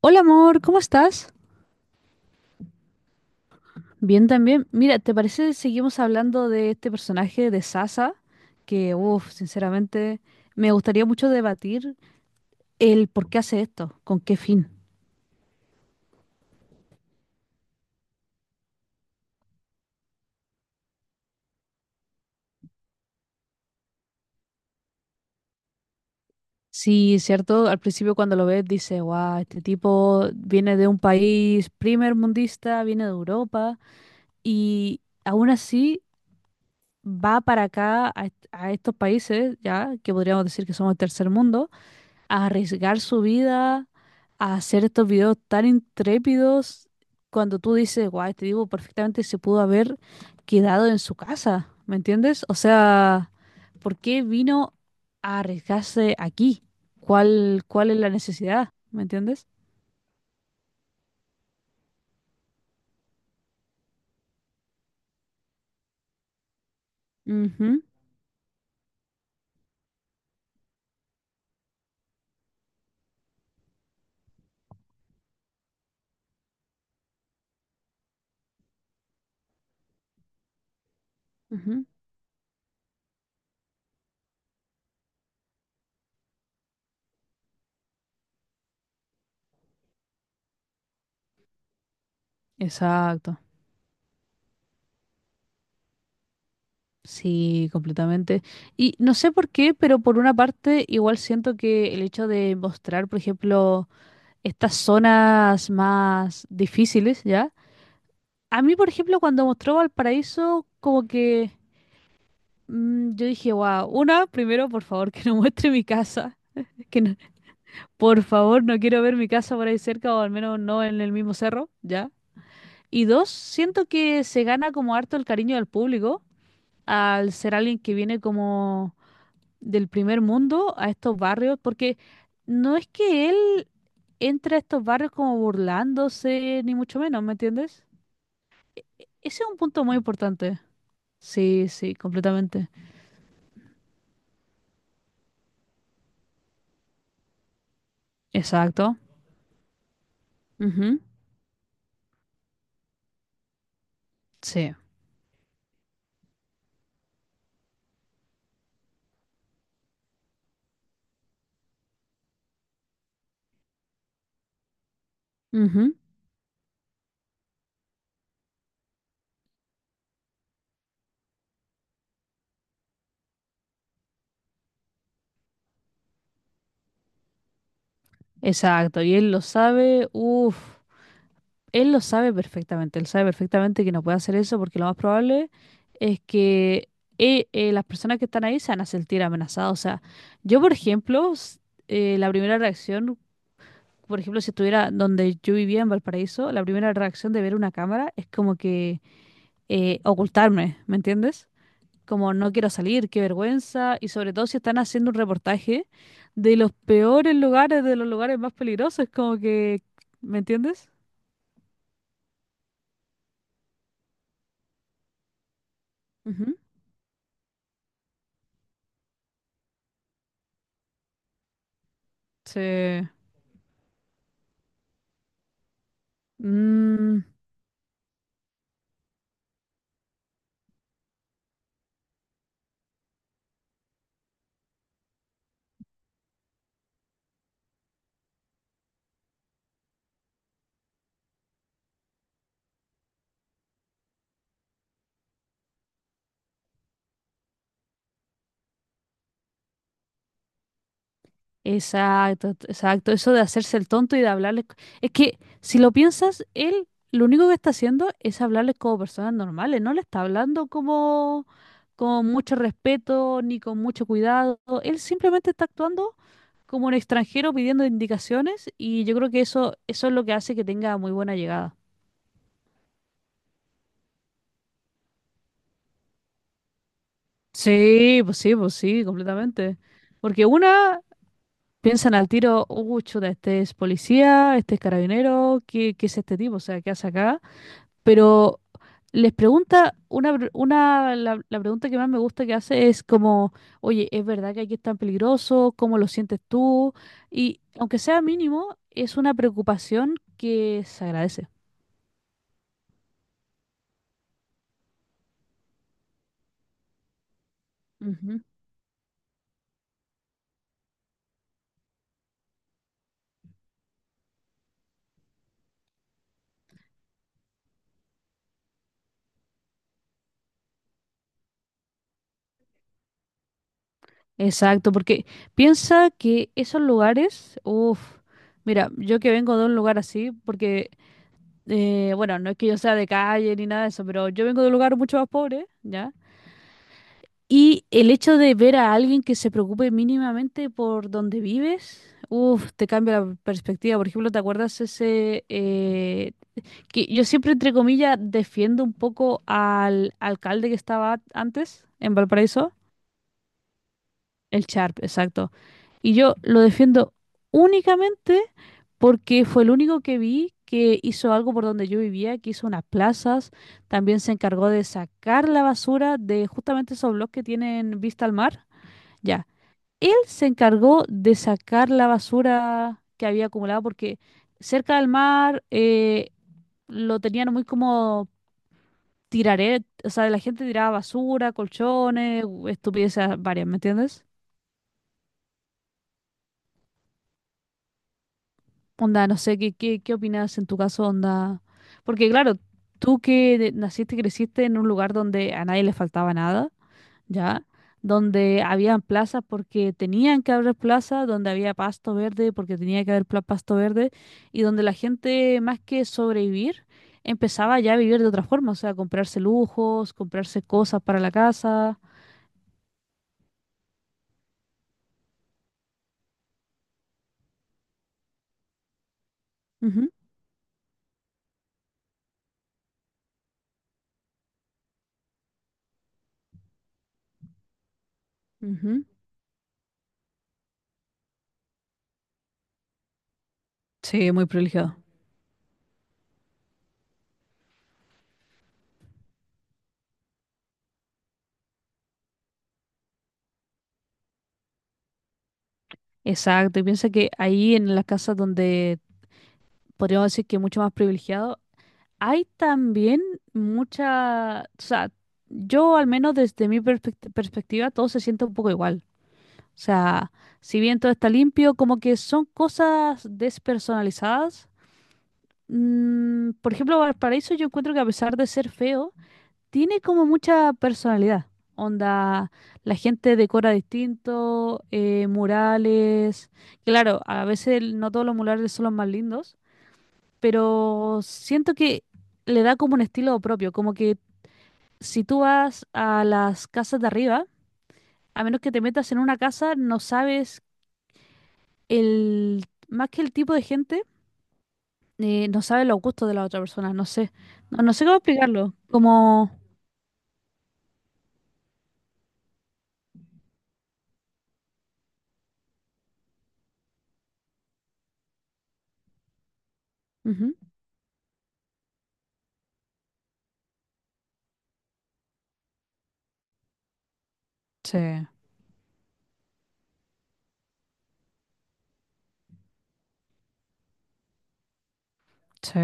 Hola amor, ¿cómo estás? Bien también. Mira, ¿te parece que seguimos hablando de este personaje de Sasa? Sinceramente, me gustaría mucho debatir el por qué hace esto, con qué fin. Sí, cierto, al principio cuando lo ves dice, wow, este tipo viene de un país primermundista, viene de Europa y aún así va para acá a estos países, ya, que podríamos decir que somos el tercer mundo, a arriesgar su vida, a hacer estos videos tan intrépidos, cuando tú dices, guay, este tipo perfectamente se pudo haber quedado en su casa, ¿me entiendes? O sea, ¿por qué vino a arriesgarse aquí? ¿Cuál es la necesidad? ¿Me entiendes? Ujú, ujú. Exacto. Sí, completamente. Y no sé por qué, pero por una parte igual siento que el hecho de mostrar, por ejemplo, estas zonas más difíciles, ¿ya? A mí, por ejemplo, cuando mostró Valparaíso, como que yo dije, wow, una, primero, por favor, que no muestre mi casa, que no- por favor, no quiero ver mi casa por ahí cerca o al menos no en el mismo cerro, ¿ya? Y dos, siento que se gana como harto el cariño del público al ser alguien que viene como del primer mundo a estos barrios, porque no es que él entre a estos barrios como burlándose, ni mucho menos, ¿me entiendes? Ese es un punto muy importante. Sí, sí, completamente. Exacto. Ujú. Sí. Ujú. Exacto. Y él lo sabe, uff, él lo sabe perfectamente, él sabe perfectamente que no puede hacer eso porque lo más probable es que las personas que están ahí se van a sentir amenazadas. O sea, yo, por ejemplo, la primera reacción, por ejemplo, si estuviera donde yo vivía en Valparaíso, la primera reacción de ver una cámara es como que ocultarme, ¿me entiendes? Como no quiero salir, qué vergüenza, y sobre todo si están haciendo un reportaje de los peores lugares, de los lugares más peligrosos, como que, ¿me entiendes? Ujú. Sí. Mm, exacto. Eso de hacerse el tonto y de hablarles. Es que si lo piensas, él lo único que está haciendo es hablarles como personas normales, no le está hablando como con mucho respeto ni con mucho cuidado. Él simplemente está actuando como un extranjero pidiendo indicaciones y yo creo que eso es lo que hace que tenga muy buena llegada. Sí, pues sí, pues sí, completamente. Porque una piensan al tiro, chuta, este es policía, este es carabinero, ¿qué es este tipo? O sea, ¿qué hace acá? Pero les pregunta, una, la pregunta que más me gusta que hace es como, oye, ¿es verdad que aquí es tan peligroso? ¿Cómo lo sientes tú? Y aunque sea mínimo, es una preocupación que se agradece. Ujú. Exacto, porque piensa que esos lugares, uff, mira, yo que vengo de un lugar así, porque, bueno, no es que yo sea de calle ni nada de eso, pero yo vengo de un lugar mucho más pobre, ¿ya? Y el hecho de ver a alguien que se preocupe mínimamente por donde vives, uff, te cambia la perspectiva. Por ejemplo, ¿te acuerdas ese, que yo siempre, entre comillas, defiendo un poco al alcalde que estaba antes en Valparaíso? El Sharp, exacto. Y yo lo defiendo únicamente porque fue el único que vi que hizo algo por donde yo vivía, que hizo unas plazas, también se encargó de sacar la basura de justamente esos bloques que tienen vista al mar. Ya, él se encargó de sacar la basura que había acumulado porque cerca del mar lo tenían muy como tiraret, o sea, la gente tiraba basura, colchones, estupideces varias, ¿me entiendes? Onda, no sé, ¿qué opinas en tu caso, onda? Porque claro, tú que naciste y creciste en un lugar donde a nadie le faltaba nada, ¿ya? Donde habían plazas porque tenían que haber plazas, donde había pasto verde porque tenía que haber pasto verde, y donde la gente, más que sobrevivir, empezaba ya a vivir de otra forma, o sea, comprarse lujos, comprarse cosas para la casa. Ujú, ujú. Sí, muy privilegiado. Exacto, y piensa que ahí en las casas donde podríamos decir que mucho más privilegiado. Hay también mucha, o sea, yo al menos desde mi perspectiva todo se siente un poco igual. O sea, si bien todo está limpio, como que son cosas despersonalizadas. Mm, por ejemplo, Valparaíso yo encuentro que a pesar de ser feo, tiene como mucha personalidad. Onda, la gente decora distinto, murales. Claro, a veces no todos los murales son los más lindos, pero siento que le da como un estilo propio, como que si tú vas a las casas de arriba, a menos que te metas en una casa, no sabes el, más que el tipo de gente, no sabes los gustos de la otra persona, no sé cómo explicarlo, como... Ujú. Sí, sí.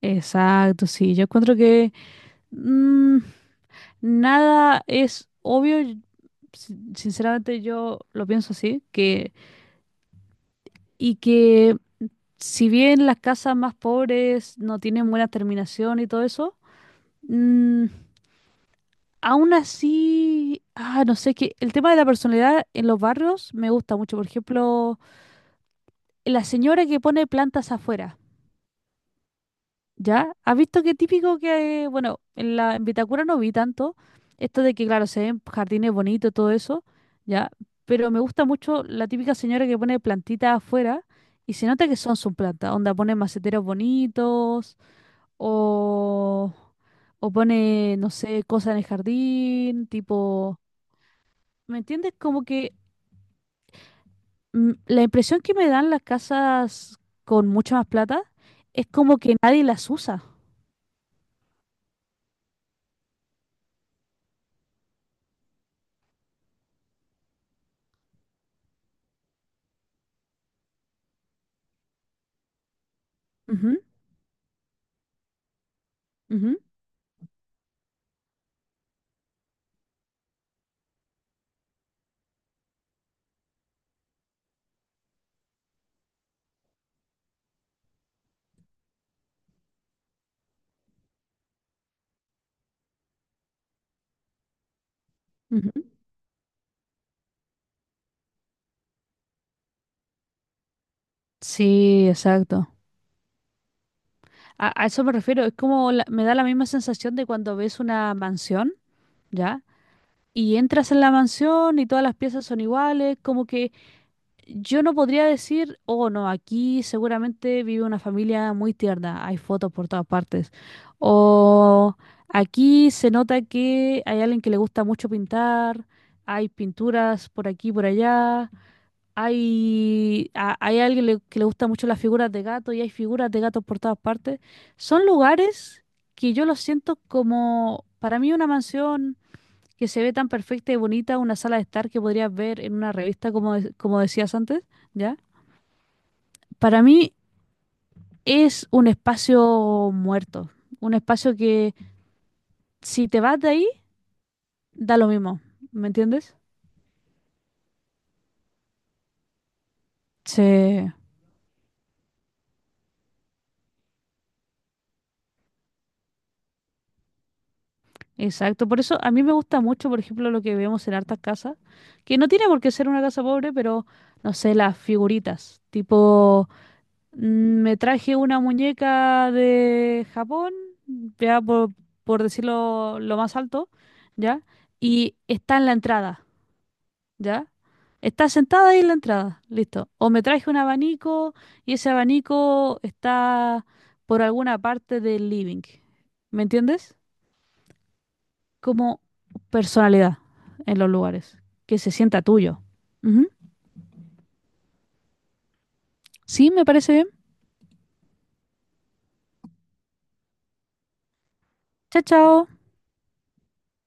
Exacto, sí, yo encuentro que mm, nada es obvio, y sinceramente yo lo pienso así, que, y que si bien las casas más pobres no tienen buena terminación y todo eso, mm, aún así, ah, no sé, es que el tema de la personalidad en los barrios me gusta mucho. Por ejemplo, la señora que pone plantas afuera, ¿ya? ¿Has visto qué típico que, bueno, en Vitacura no vi tanto, esto de que, claro, se ven jardines bonitos, todo eso, ¿ya? Pero me gusta mucho la típica señora que pone plantitas afuera y se nota que son sus plantas, onda pone maceteros bonitos. o, o pone, no sé, cosas en el jardín, tipo, ¿me entiendes? Como que la impresión que me dan las casas con mucha más plata es como que nadie las usa. Ujú, ujú, ujú. Sí, exacto. A eso me refiero, es como me da la misma sensación de cuando ves una mansión, ¿ya? Y entras en la mansión y todas las piezas son iguales, como que yo no podría decir, oh no, aquí seguramente vive una familia muy tierna, hay fotos por todas partes. O aquí se nota que hay alguien que le gusta mucho pintar, hay pinturas por aquí y por allá, hay alguien que le gusta mucho las figuras de gato y hay figuras de gatos por todas partes. Son lugares que yo los siento como, para mí una mansión que se ve tan perfecta y bonita una sala de estar que podrías ver en una revista, como, como decías antes, ¿ya? Para mí es un espacio muerto, un espacio que si te vas de ahí, da lo mismo, ¿me entiendes? Sí, exacto. Por eso a mí me gusta mucho, por ejemplo, lo que vemos en hartas casas, que no tiene por qué ser una casa pobre, pero no sé, las figuritas, tipo me traje una muñeca de Japón, ya por, por decirlo lo más alto, ¿ya? Y está en la entrada, ¿ya? Está sentada ahí en la entrada, listo. O me traje un abanico y ese abanico está por alguna parte del living. ¿Me entiendes? Como personalidad en los lugares, que se sienta tuyo. Ujú. Sí, me parece bien. Chao, chao.